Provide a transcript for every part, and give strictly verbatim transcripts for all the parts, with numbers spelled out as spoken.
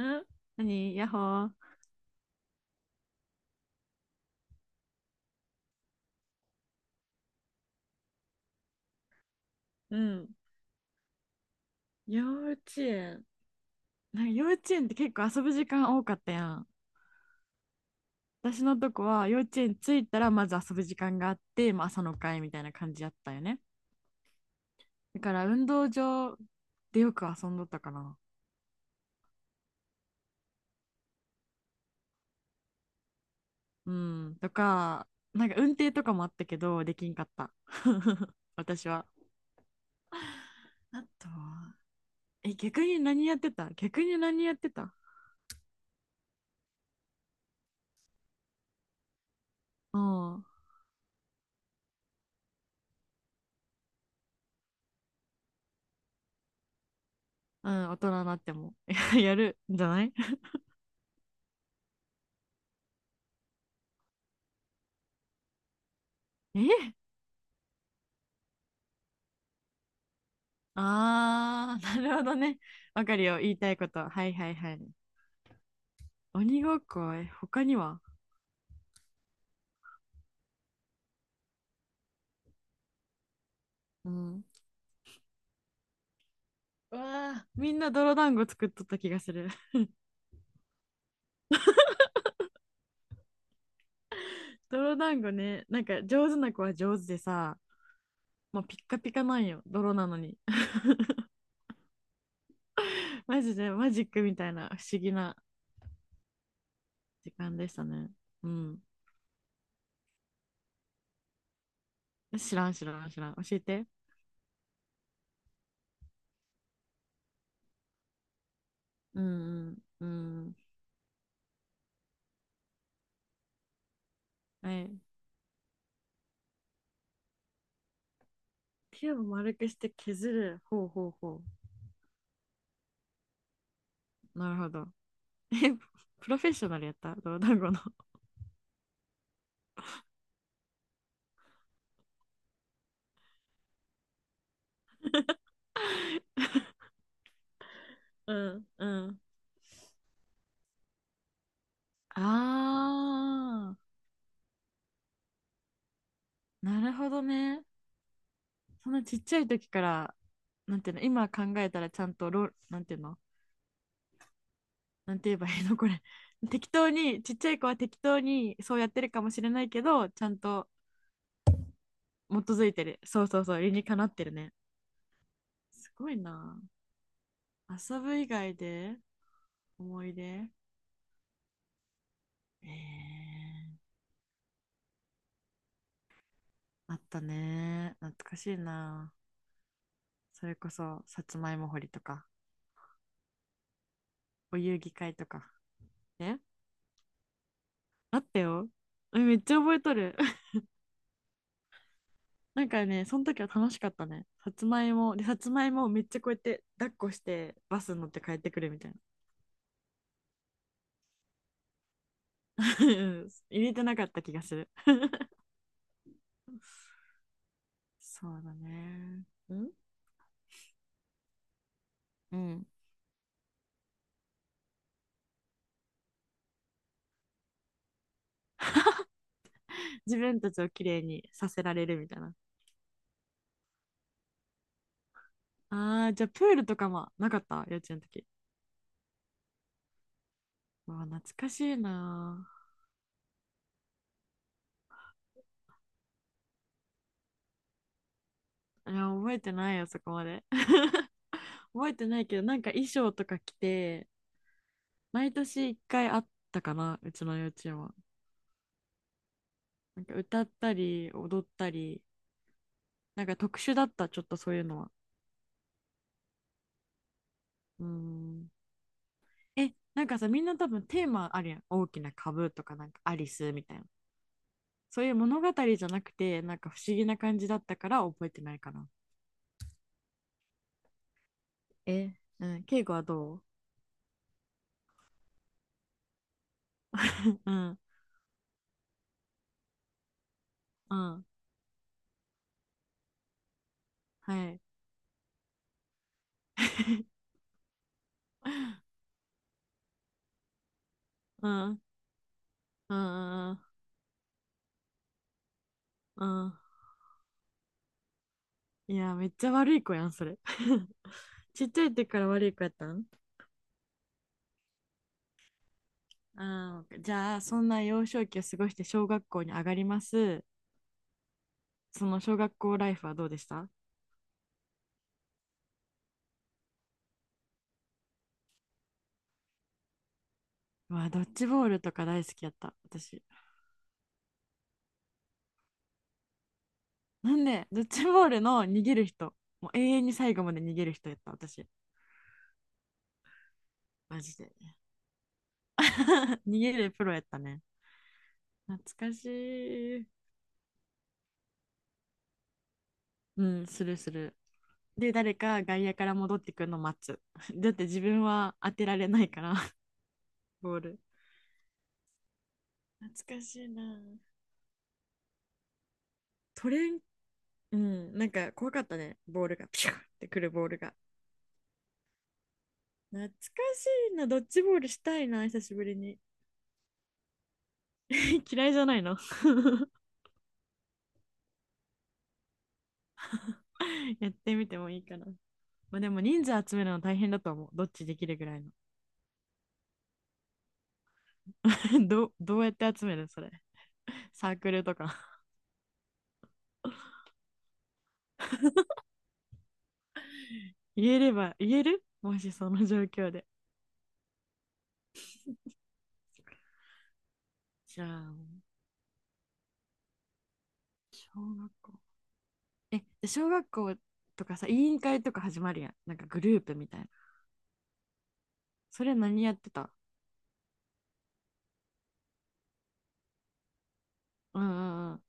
ん？何？ヤッホー。うん。幼稚園。なんか幼稚園って結構遊ぶ時間多かったやん。私のとこは幼稚園着いたらまず遊ぶ時間があって、まあ、朝の会みたいな感じやったよね。だから運動場でよく遊んどったかな。うん。とか、なんか運転とかもあったけど、できんかった。私は。あとは、え、逆に何やってた？逆に何やってた？うん。うん、大人になっても。やるんじゃない？え、あー、なるほどね。わかるよ、言いたいこと。はいはいはい。鬼ごっこ、え、他には？うん。うわあ、みんな泥団子作っとった気がする。泥団子ね、なんか上手な子は上手でさ、もうピッカピカなんよ、泥なのに。マジでマジックみたいな不思議な時間でしたね。うん。知らん知らん知らん。教えて。うんうん。うん。はい。手を丸くして削る。ほうほうほう。なるほど。え、プロフェッショナルやった泥団子の。うんうん、あー、なるほどね。そんなちっちゃい時から、なんていうの、今考えたらちゃんとロ、なんていうの、なんて言えばいいの、これ。適当に、ちっちゃい子は適当にそうやってるかもしれないけど、ちゃんと基づいてる。そうそうそう、理にかなってるね。すごいな。遊ぶ以外で思い出。えー、あったね。懐かしいな。それこそ、さつまいも掘りとか、お遊戯会とか。ね、あったよ。え、めっちゃ覚えとる。なんかね、その時は楽しかったね。さつまいも、で、さつまいもをめっちゃこうやって抱っこしてバスに乗って帰ってくるみたいな。うん、入れてなかった気がする。そうだね。うんうん。自分たちをきれいにさせられるみたいな。ああ、じゃあプールとかもなかった？幼稚園の時。うわ、懐かしいな。あ、いや、覚えてないよ、そこまで。覚えてないけど、なんか衣装とか着て、毎年一回あったかな、うちの幼稚園は。なんか歌ったり踊ったり、なんか特殊だった、ちょっとそういうのは。うーん。え、なんかさ、みんな多分テーマあるやん。大きな株とか、なんかアリスみたいな。そういう物語じゃなくて、なんか不思議な感じだったから覚えてないかな。え、うん、敬語はどう？うん、うん、はい。うん、うん、うん、うん。うん、いや、めっちゃ悪い子やん、それ。ちっちゃい時から悪い子やったん？あー、じゃあ、そんな幼少期を過ごして小学校に上がります。その小学校ライフはどうでした？うわ、ドッジボールとか大好きやった、私。なんで、ドッジボールの逃げる人、もう永遠に最後まで逃げる人やった、私。マジで。逃げるプロやったね。懐かしい。うん、するする。で、誰か外野から戻ってくるの待つ。だって自分は当てられないから、ボール。懐かしいな。取れん、うん、なんか怖かったね、ボールが。ピューってくるボールが。懐かしいな、ドッジボールしたいな、久しぶりに。嫌いじゃないの？ やってみてもいいかな。まあ、でも人数集めるの大変だと思う。どっちできるぐらいの？ ど、どうやって集めるそれ？サークルとか？ 言えれば、言える？もしその状況で。じゃあ、小学校。え、小学校とかさ、委員会とか始まるやん。なんかグループみたいな。それ何やってた？うんうんうん。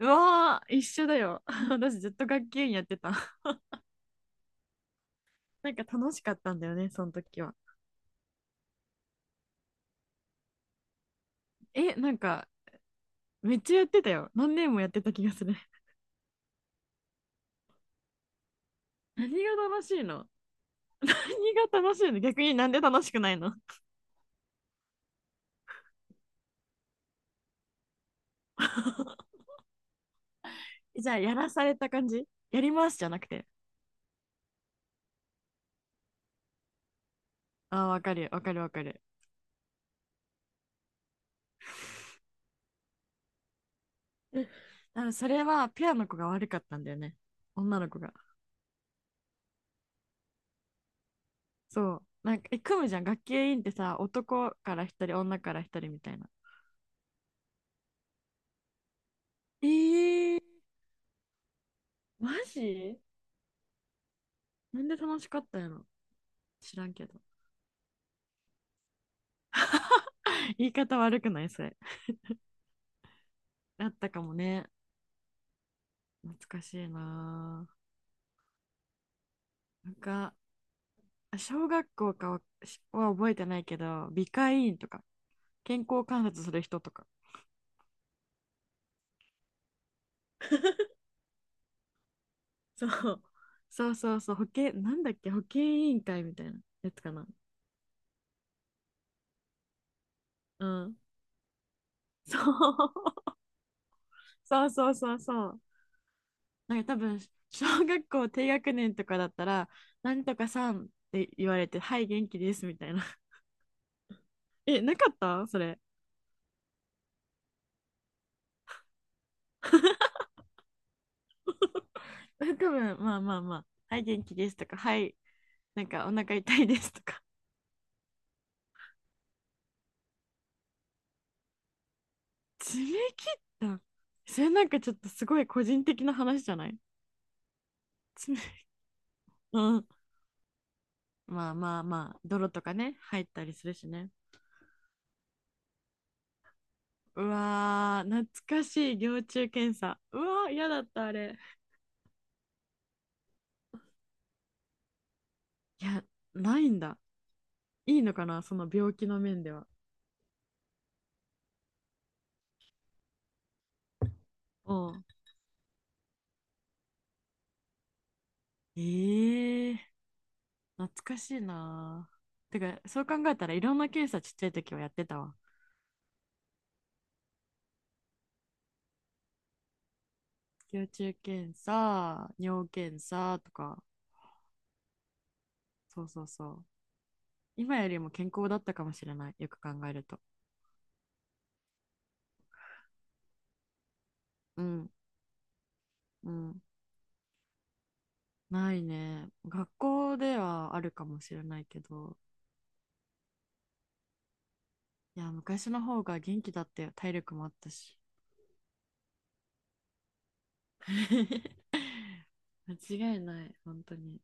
うわー、一緒だよ。 私ずっと学級委員やってた。 なんか楽しかったんだよね、その時は。え、なんかめっちゃやってたよ。何年もやってた気がする。何が楽しいの？何が楽しいの？逆になんで楽しくないの？ じゃあ、やらされた感じ？やりますじゃなくて。ああ、わかるわかるわかる。多分それはペアの子が悪かったんだよね。女の子が。そう。なんか、え、組むじゃん。学級委員ってさ、男から一人、女から一人みたいな。ええ、マジ？なんで楽しかったやろ？知らんけど。言い方悪くないそれ？あったかもね。懐かしいなぁ。なんか、小学校かはは覚えてないけど、美会委員とか、健康観察する人とか、そう。そうそうそう、保健、なんだっけ、保健委員会みたいなやつかな。うん。そう、 そうそうそうそう。なんか多分、小学校低学年とかだったら、なんとかさんって言われて、はい、元気ですみたいな。 え、なかったそれ？多分、まあまあまあ、はい、元気ですとか、はい、なんかお腹痛いですとか、爪切った？それなんかちょっとすごい個人的な話じゃない？爪、 うん、まあまあまあ泥とかね入ったりするしね。うわー、懐かしい、蟯虫検査。うわー、嫌だったあれ。いや、ないんだ？いいのかな、その病気の面では。うん、えー、懐かしいな。てかそう考えたらいろんな検査ちっちゃい時はやってたわ。蟯虫検査、尿検査とか。そうそうそう、今よりも健康だったかもしれない。よく考えると。うん、うん。ないね。学校ではあるかもしれないけど、いや、昔の方が元気だったよ。体力もあったし。間違いない、本当に。